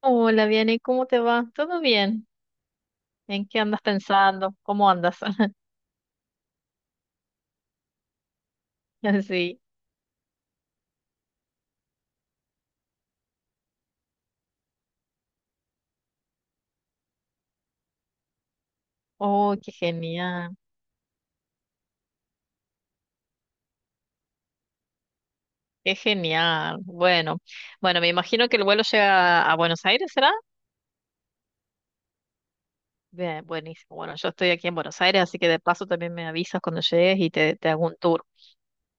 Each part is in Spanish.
Hola, Vianey, ¿cómo te va? ¿Todo bien? ¿En qué andas pensando? ¿Cómo andas? Así. Oh, qué genial, qué genial. Bueno, bueno, me imagino que el vuelo llega a Buenos Aires, ¿será? Bien, buenísimo. Bueno, yo estoy aquí en Buenos Aires, así que de paso también me avisas cuando llegues y te hago un tour.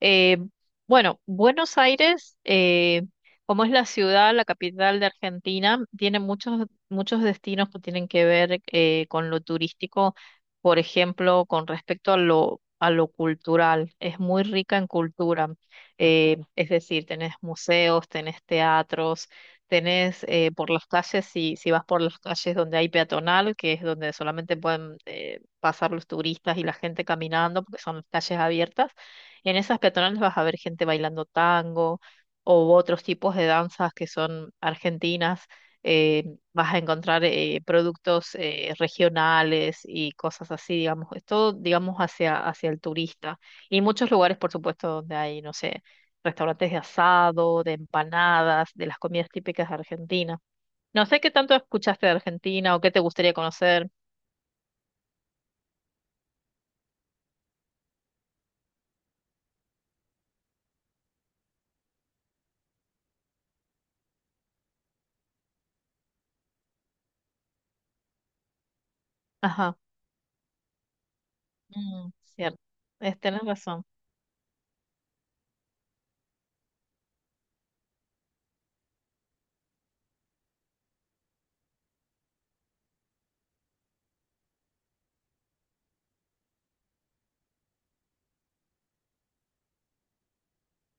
Eh, bueno, Buenos Aires, como es la ciudad, la capital de Argentina, tiene muchos, muchos destinos que tienen que ver con lo turístico, por ejemplo, con respecto a lo cultural. Es muy rica en cultura, es decir, tenés museos, tenés teatros, tenés por las calles, si vas por las calles donde hay peatonal, que es donde solamente pueden pasar los turistas y la gente caminando, porque son las calles abiertas en esas peatonales vas a ver gente bailando tango o otros tipos de danzas que son argentinas. eh, Vas a encontrar productos regionales y cosas así, digamos. Es todo, digamos, hacia el turista. Y muchos lugares, por supuesto, donde hay, no sé, restaurantes de asado, de empanadas, de las comidas típicas de Argentina. No sé qué tanto escuchaste de Argentina o qué te gustaría conocer. Ajá, mm, cierto. Es, tenés razón.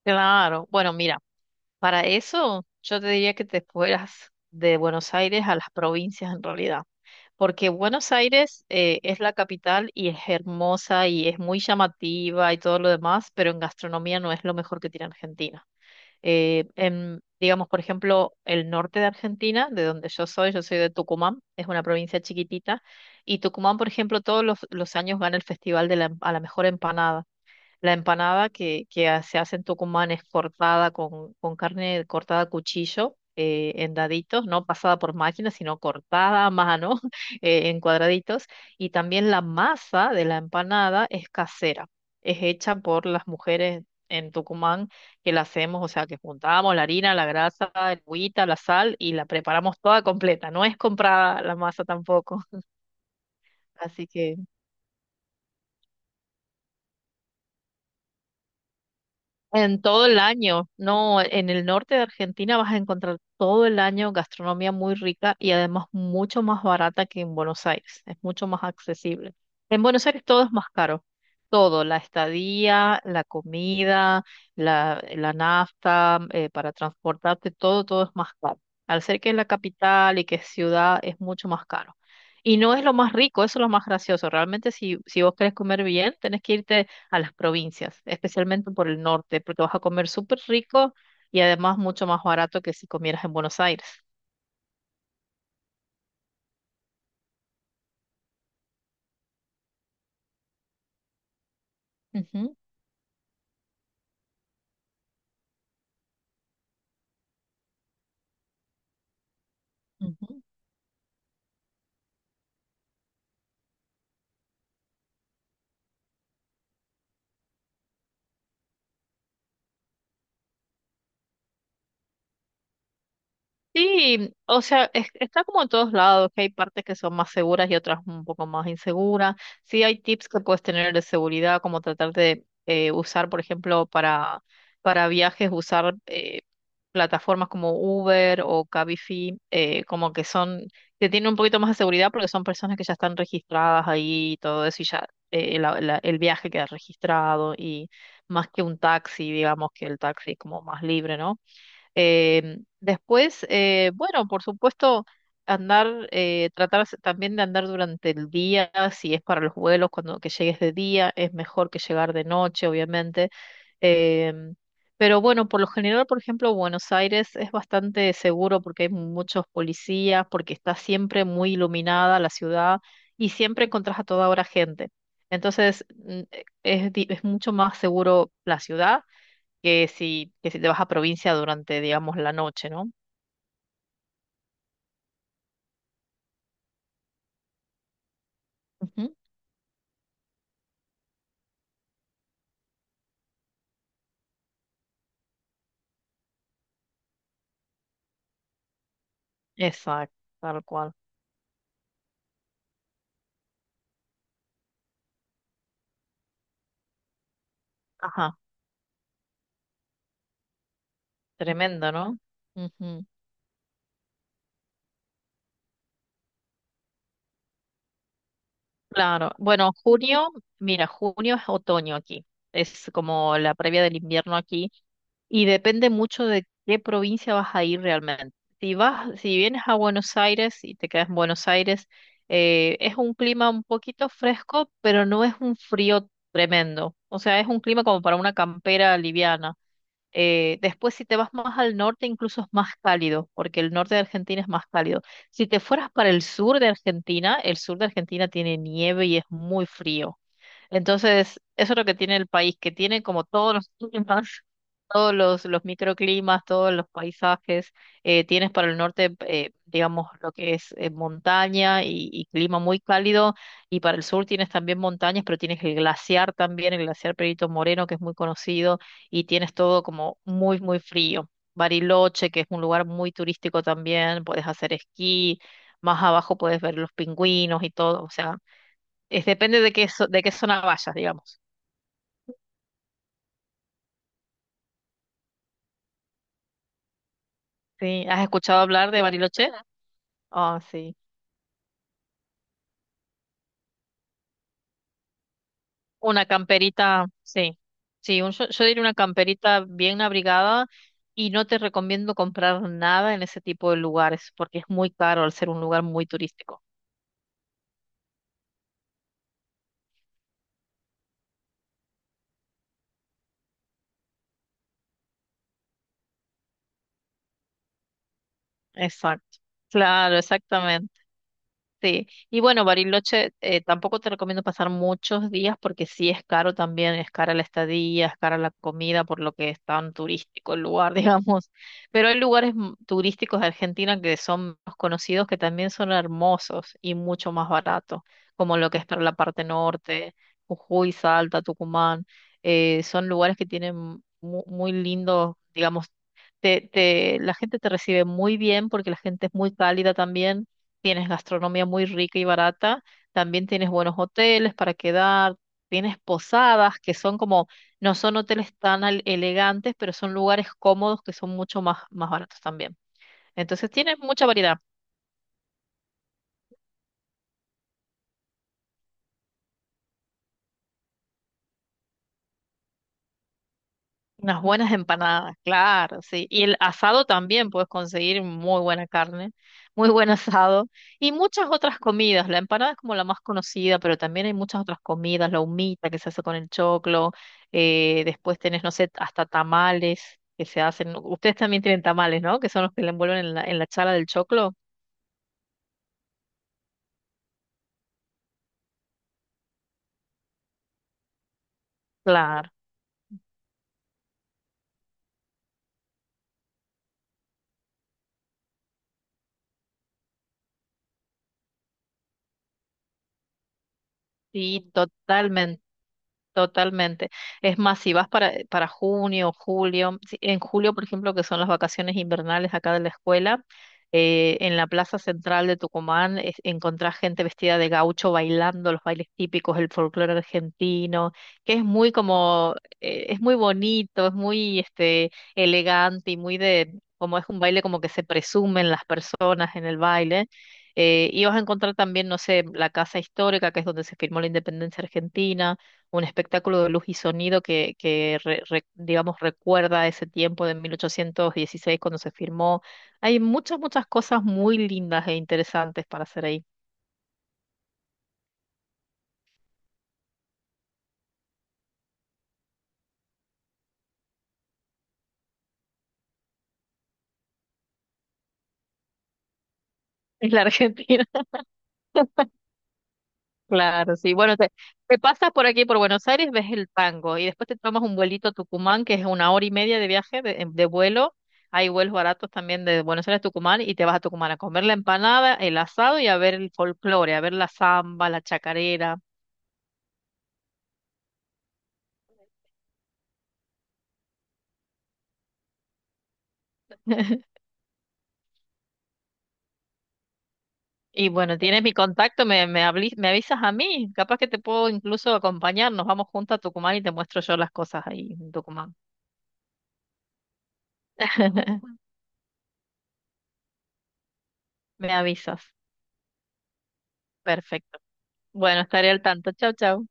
Claro. Bueno, mira. Para eso, yo te diría que te fueras de Buenos Aires a las provincias en realidad, porque Buenos Aires es la capital y es hermosa y es muy llamativa y todo lo demás, pero en gastronomía no es lo mejor que tiene Argentina. En, digamos, por ejemplo, el norte de Argentina, de donde yo soy de Tucumán, es una provincia chiquitita, y Tucumán, por ejemplo, todos los años gana el Festival de a la mejor empanada. La empanada que se hace en Tucumán es cortada con carne cortada a cuchillo, en daditos, no pasada por máquina, sino cortada a mano, en cuadraditos. Y también la masa de la empanada es casera, es hecha por las mujeres en Tucumán que la hacemos, o sea, que juntamos la harina, la grasa, el agüita, la sal y la preparamos toda completa. No es comprada la masa tampoco. Así que... En todo el año, no, en el norte de Argentina vas a encontrar todo el año gastronomía muy rica y además mucho más barata que en Buenos Aires, es mucho más accesible. En Buenos Aires todo es más caro, todo, la estadía, la comida, la nafta, para transportarte, todo, todo es más caro. Al ser que es la capital y que es ciudad, es mucho más caro. Y no es lo más rico, eso es lo más gracioso. Realmente si vos querés comer bien, tenés que irte a las provincias, especialmente por el norte, porque vas a comer súper rico y además mucho más barato que si comieras en Buenos Aires. Ujú, ujú. Sí, o sea, está como en todos lados, que hay partes que son más seguras y otras un poco más inseguras. Sí hay tips que puedes tener de seguridad, como tratar de usar, por ejemplo, para viajes, usar plataformas como Uber o Cabify, como que son, que tienen un poquito más de seguridad porque son personas que ya están registradas ahí y todo eso, y ya el viaje queda registrado, y más que un taxi, digamos que el taxi es como más libre, ¿no? Después, bueno, por supuesto, andar, tratar también de andar durante el día, si es para los vuelos, cuando que llegues de día, es mejor que llegar de noche, obviamente. Em, pero bueno, por lo general, por ejemplo, Buenos Aires es bastante seguro porque hay muchos policías, porque está siempre muy iluminada la ciudad y siempre encontrás a toda hora gente. Entonces, es, es mucho más seguro la ciudad que si te vas a provincia durante, digamos, la noche, ¿no? Ujú, exacto, tal cual. Ajá, tremendo, ¿no? Ujú. Claro. Bueno, junio, mira, junio es otoño aquí. Es como la previa del invierno aquí y depende mucho de qué provincia vas a ir realmente. Si vas, si vienes a Buenos Aires y te quedas en Buenos Aires, es un clima un poquito fresco, pero no es un frío tremendo. O sea, es un clima como para una campera liviana. Después, si te vas más al norte, incluso es más cálido, porque el norte de Argentina es más cálido. Si te fueras para el sur de Argentina, el sur de Argentina tiene nieve y es muy frío. Entonces, eso es lo que tiene el país, que tiene como todos los climas, todos los microclimas, todos los paisajes. Tienes para el norte, digamos, lo que es montaña y clima muy cálido, y para el sur tienes también montañas, pero tienes el glaciar también, el glaciar Perito Moreno, que es muy conocido, y tienes todo como muy, muy frío. Bariloche, que es un lugar muy turístico también, puedes hacer esquí, más abajo puedes ver los pingüinos y todo, o sea. Es depende de de qué zona vayas, digamos. Sí, ¿has escuchado hablar de Bariloche? Ah, sí. Una camperita, sí. Sí, yo, yo diría una camperita bien abrigada y no te recomiendo comprar nada en ese tipo de lugares porque es muy caro al ser un lugar muy turístico. Exacto. Claro, exactamente. Sí, y bueno, Bariloche, tampoco te recomiendo pasar muchos días porque sí es caro también, es cara la estadía, es cara la comida, por lo que es tan turístico el lugar, digamos. Pero hay lugares turísticos de Argentina que son más conocidos que también son hermosos y mucho más baratos, como lo que es para la parte norte, Jujuy, Salta, Tucumán. Son lugares que tienen muy lindos, digamos, la gente te recibe muy bien porque la gente es muy cálida también tienes gastronomía muy rica y barata, también tienes buenos hoteles para quedar, tienes posadas que son como, no son hoteles elegantes, pero son lugares cómodos que son mucho más, más baratos también. Entonces tienes mucha variedad. Unas buenas empanadas, claro, sí. Y el asado también puedes conseguir muy buena carne, muy buen asado y muchas otras comidas. La empanada es como la más conocida, pero también hay muchas otras comidas, la humita que se hace con el choclo, después tenés, no sé, hasta tamales que se hacen. Ustedes también tienen tamales, ¿no? Que son los que le envuelven en la chala del choclo. Claro, sí, totalmente. Totalmente. Es más, si vas para junio, julio, en julio, por ejemplo, que son las vacaciones invernales acá de la escuela, en la plaza central de Tucumán encontrás gente vestida de gaucho bailando los bailes típicos, el folclore argentino, que es muy como, es muy bonito, es muy este, elegante y muy de, como es un baile como que se presumen las personas en el baile. Y vas a encontrar también, no sé, la Casa Histórica, que es donde se firmó la independencia argentina un espectáculo de luz y sonido que digamos, recuerda ese tiempo de 1816 cuando se firmó. Hay muchas, muchas cosas muy lindas e interesantes para hacer ahí. En la Argentina, claro, sí. Bueno, te pasas por aquí, por Buenos Aires, ves el tango y después te tomas un vuelito a Tucumán, que es una hora y media de viaje, de vuelo. Hay vuelos baratos también de Buenos Aires a Tucumán y te vas a Tucumán a comer la empanada, el asado y a ver el folclore, a ver la samba, la chacarera. Y bueno, tienes mi contacto, me avisas a mí. Capaz que te puedo incluso acompañar. Nos vamos juntos a Tucumán y te muestro yo las cosas ahí en Tucumán. Me avisas. Perfecto. Bueno, estaré al tanto. Chau, chau.